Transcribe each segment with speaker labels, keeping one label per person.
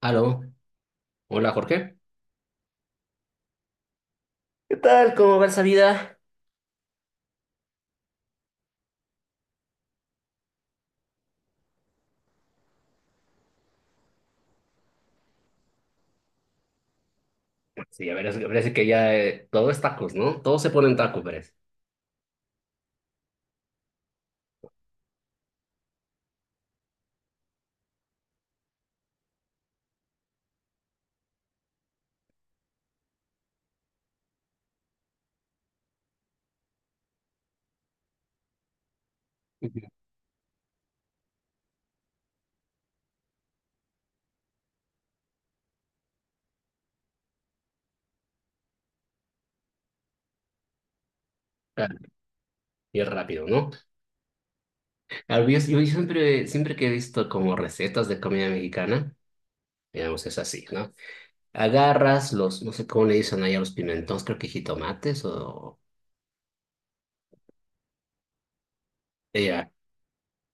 Speaker 1: Aló, hola Jorge. ¿Qué tal? ¿Cómo va esa vida? Sí, a ver, parece que ya todo es tacos, ¿no? Todo se pone en tacos, parece. Ujú. Claro. Y es rápido, ¿no? Claro, yo siempre, siempre que he visto como recetas de comida mexicana, digamos, es así, ¿no? Agarras los, no sé cómo le dicen ahí a los pimentones, creo que jitomates o... Ya.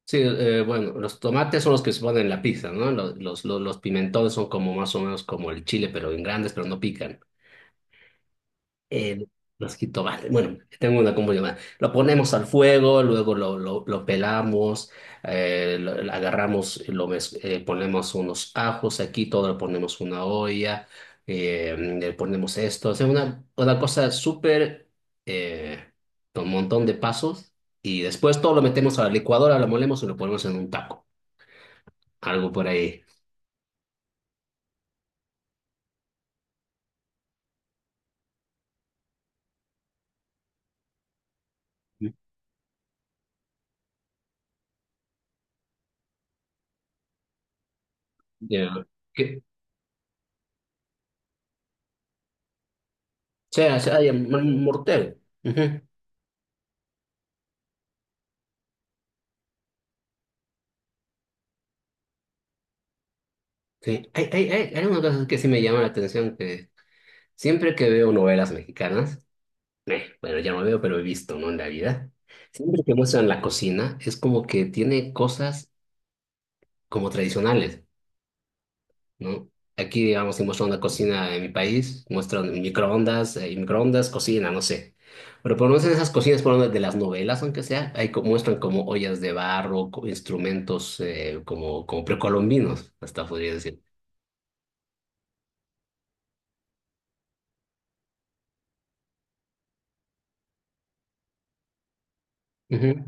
Speaker 1: Sí, bueno, los tomates son los que se ponen en la pizza, ¿no? Los pimentones son como más o menos como el chile, pero en grandes, pero no pican. eh, los jitomates, bueno, tengo una como llamada. Lo ponemos al fuego, luego lo pelamos, lo agarramos, ponemos unos ajos aquí, todo lo ponemos en una olla, le ponemos esto. O sea, una cosa súper, eh, con un montón de pasos. Y después todo lo metemos a la licuadora, lo molemos y lo ponemos en un taco. Algo por ahí. Sí. Ya. Que, o sea, hay un mortero. Ujú. Sí, hay algunas cosas que sí me llaman la atención, que siempre que veo novelas mexicanas, bueno, ya no veo, pero he visto, ¿no? En la vida, siempre que muestran la cocina, es como que tiene cosas como tradicionales, ¿no? Aquí, digamos, si muestran una cocina en mi país, muestran microondas, y microondas, cocina, no sé. Pero por lo menos en esas cocinas, por lo menos de las novelas, aunque sea, ahí muestran como ollas de barro, instrumentos como, como precolombinos, hasta podría decir.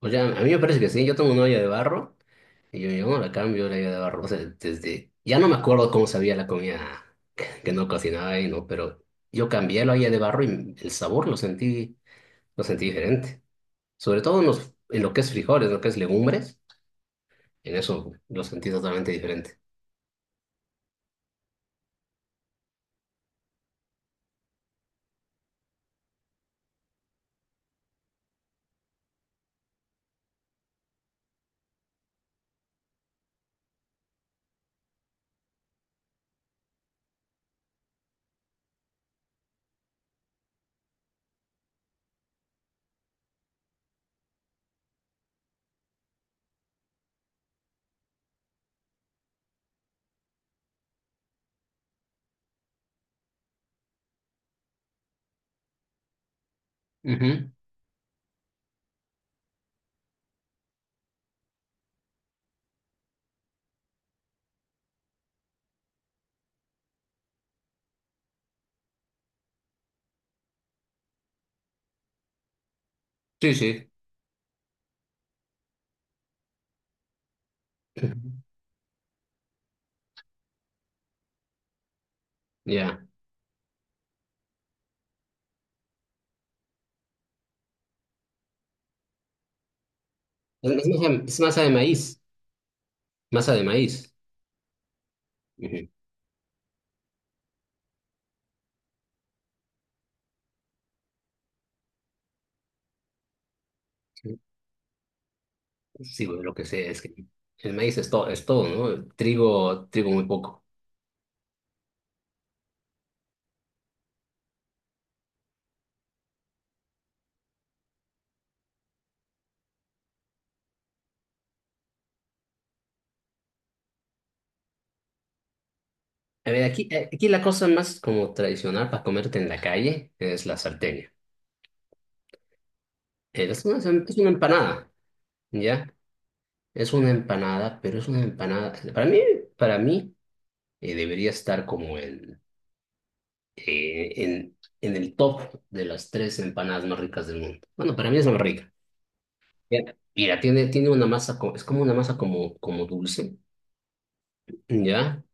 Speaker 1: O sea, a mí me parece que sí, yo tengo una olla de barro y yo no la cambio la olla de barro. O sea, desde, ya no me acuerdo cómo sabía la comida que no cocinaba y no, pero yo cambié la olla de barro y el sabor lo sentí diferente. Sobre todo en, los, en lo que es frijoles, lo que es legumbres, en eso lo sentí totalmente diferente. Ujú. Sí, sí. Ujú. Ya. Es masa, es masa de maíz, masa de maíz. Ujú. Sí, güey, lo que sé es que el maíz es todo, ¿no? Trigo, trigo muy poco. A ver, aquí, aquí la cosa más como tradicional para comerte en la calle es la salteña. Es una empanada, ¿ya? Es una empanada, pero es una empanada. Para mí debería estar como en el top de las 3 empanadas más ricas del mundo. Bueno, para mí es la más rica. ¿Ya? Mira, tiene una masa, es como una masa como, como dulce, ¿ya?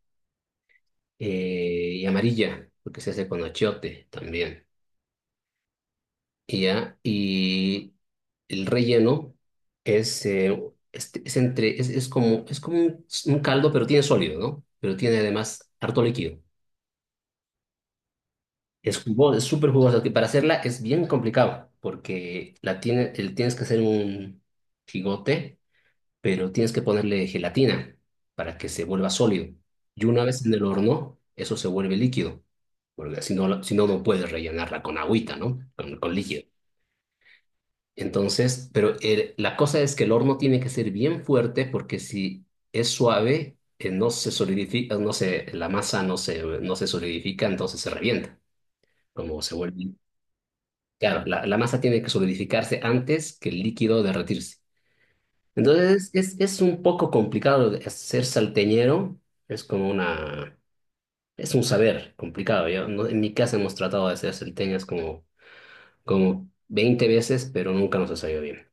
Speaker 1: Y amarilla, porque se hace con achiote también. Y ya, y el relleno es, es como un caldo, pero tiene sólido, ¿no? Pero tiene además harto líquido. Es jugoso, es súper jugoso, que para hacerla es bien complicado, porque la tiene, el, tienes que hacer un gigote, pero tienes que ponerle gelatina para que se vuelva sólido. Y una vez en el horno, eso se vuelve líquido, porque si no, si no, no puedes rellenarla con agüita, ¿no? Con líquido. Entonces, pero la cosa es que el horno tiene que ser bien fuerte porque si es suave, no se solidifica, no se, la masa no se, no se solidifica, entonces se revienta, como se vuelve. Claro, la masa tiene que solidificarse antes que el líquido derretirse. Entonces, es un poco complicado ser salteñero, es como una, es un saber complicado. Yo, no- En mi casa hemos tratado de ser salteñas como, como 20 veces, pero nunca nos ha salido bien.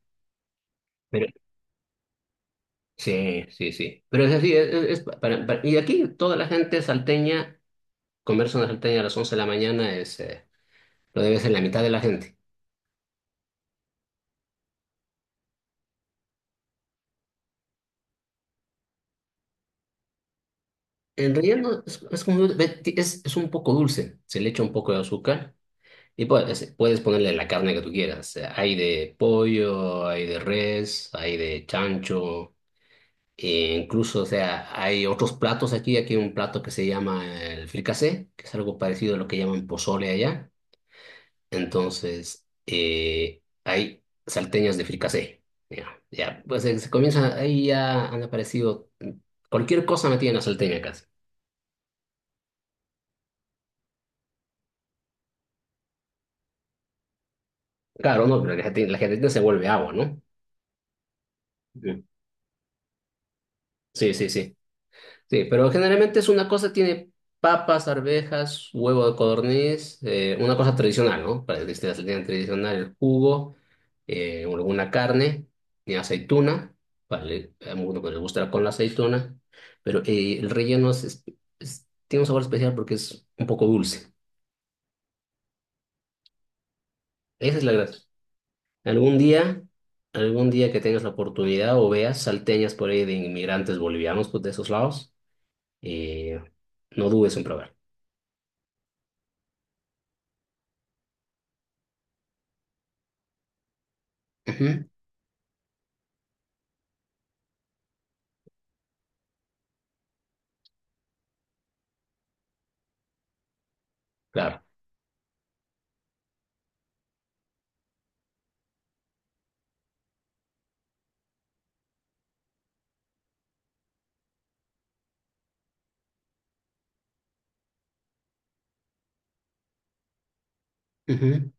Speaker 1: Sí, sí, sí. Pero es así, es pa- para- y aquí toda la gente salteña, comerse una salteña a las 11 de la mañana es, lo debe ser la mitad de la gente. En realidad no, es como, es un poco dulce, se le echa un poco de azúcar y puedes, puedes ponerle la carne que tú quieras. Hay de pollo, hay de res, hay de chancho, e incluso, o sea, hay otros platos aquí, aquí hay un plato que se llama el fricasé, que es algo parecido a lo que llaman pozole allá. Entonces, hay salteñas de fricasé. Ya, ya, pues se comienza, ahí ya han aparecido cualquier cosa metida en la salteña casi. Claro, no, pero la gente se vuelve agua, ¿no? Sí. Sí, sí, sí. Sí, pero generalmente es una cosa, tiene papas, arvejas, huevo de codorniz, una cosa tradicional, ¿no? Para que esté la salida tradicional, el jugo, alguna carne, y aceituna, para a uno que le gustará con la aceituna, pero el relleno tiene un sabor especial porque es un poco dulce. Esa es la gracia. Algún día, algún día que tengas la oportunidad o veas salteñas por ahí de inmigrantes bolivianos pues, de esos lados, eh, no dudes en probar. Ujú. Claro. Ujú,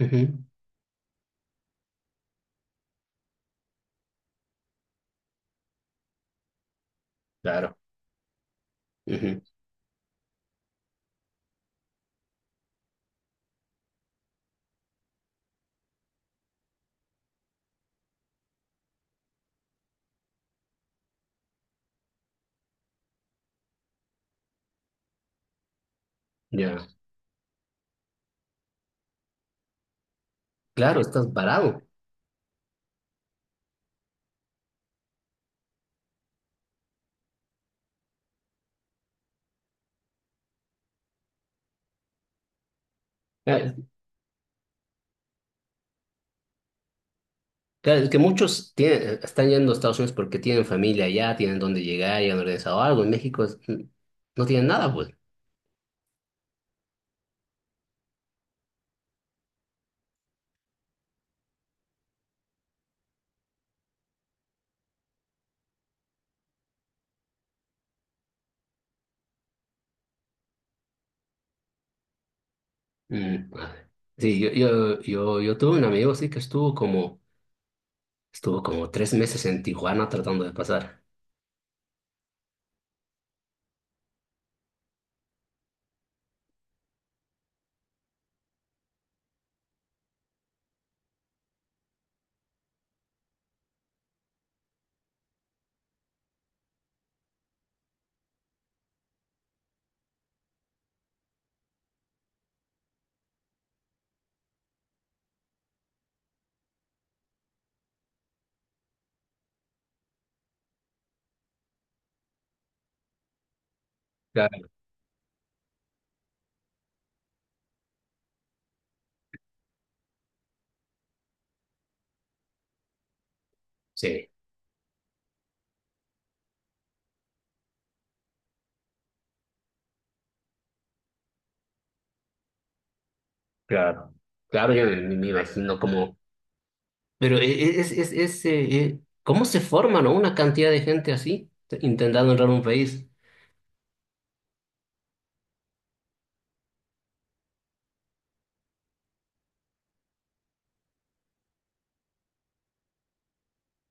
Speaker 1: ujú. Claro. Ujú. Ya. Claro, estás parado. Ah. Claro, es que muchos tienen- están yendo a Estados Unidos porque tienen familia allá, tienen dónde llegar, y han organizado algo. En México no tienen nada, pues. Mm. Sí, yo tuve un amigo, sí, que estuvo como 3 meses en Tijuana tratando de pasar. Claro. Sí, claro. Claro, me imagino como... Pero es, ¿cómo se forma, no? Una cantidad de gente así, intentando entrar a un país.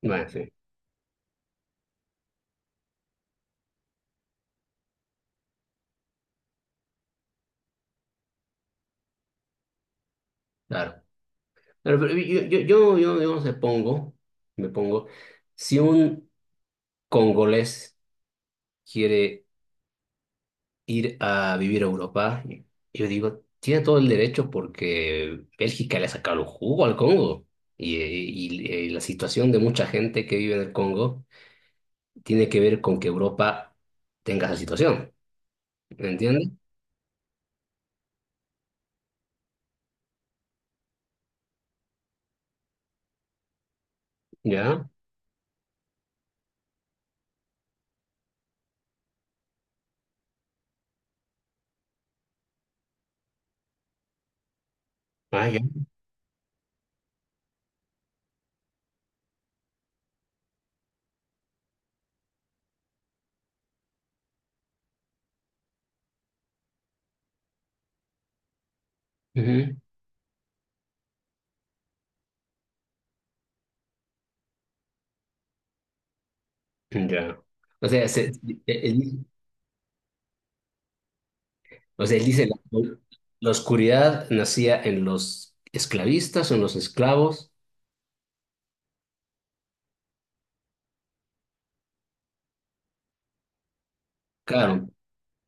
Speaker 1: Bueno, sí, claro. Pero yo no sé, pongo, me pongo, si un congolés quiere ir a vivir a Europa, yo digo, tiene todo el derecho porque Bélgica le ha sacado el jugo al Congo. Y, la situación de mucha gente que vive en el Congo tiene que ver con que Europa tenga esa situación. ¿Me entiendes? Ya. Ah, ya. Ujú. Ya. O sea, se- el, O sea, él dice, la oscuridad nacía en los esclavistas, en los esclavos, claro,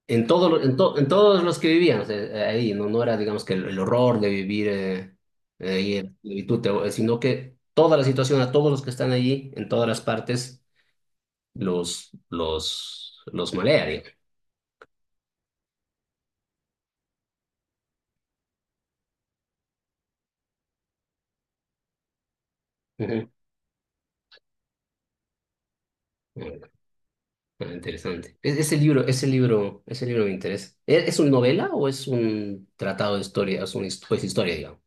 Speaker 1: en, todo, en, en todos los que vivían, o sea, ahí, no, no era, digamos, que el horror de vivir ahí en esclavitud, sino que toda la situación, a todos los que están allí, en todas las partes, los malea, digamos. Ujú. Ah, interesante. Ese libro, ese libro me interesa. ¿Es una novela o es un tratado de historia? Es una pues, historia,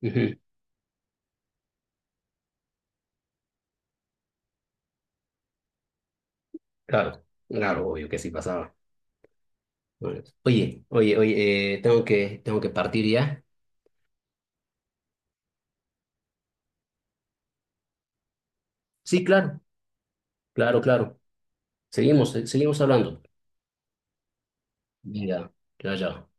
Speaker 1: digamos. Claro, claro, obvio que sí pasaba. Bueno, oye, oye, oye, tengo que partir ya. Sí, claro, claro, claro. Seguimos, seguimos hablando. Ya, ya, ya.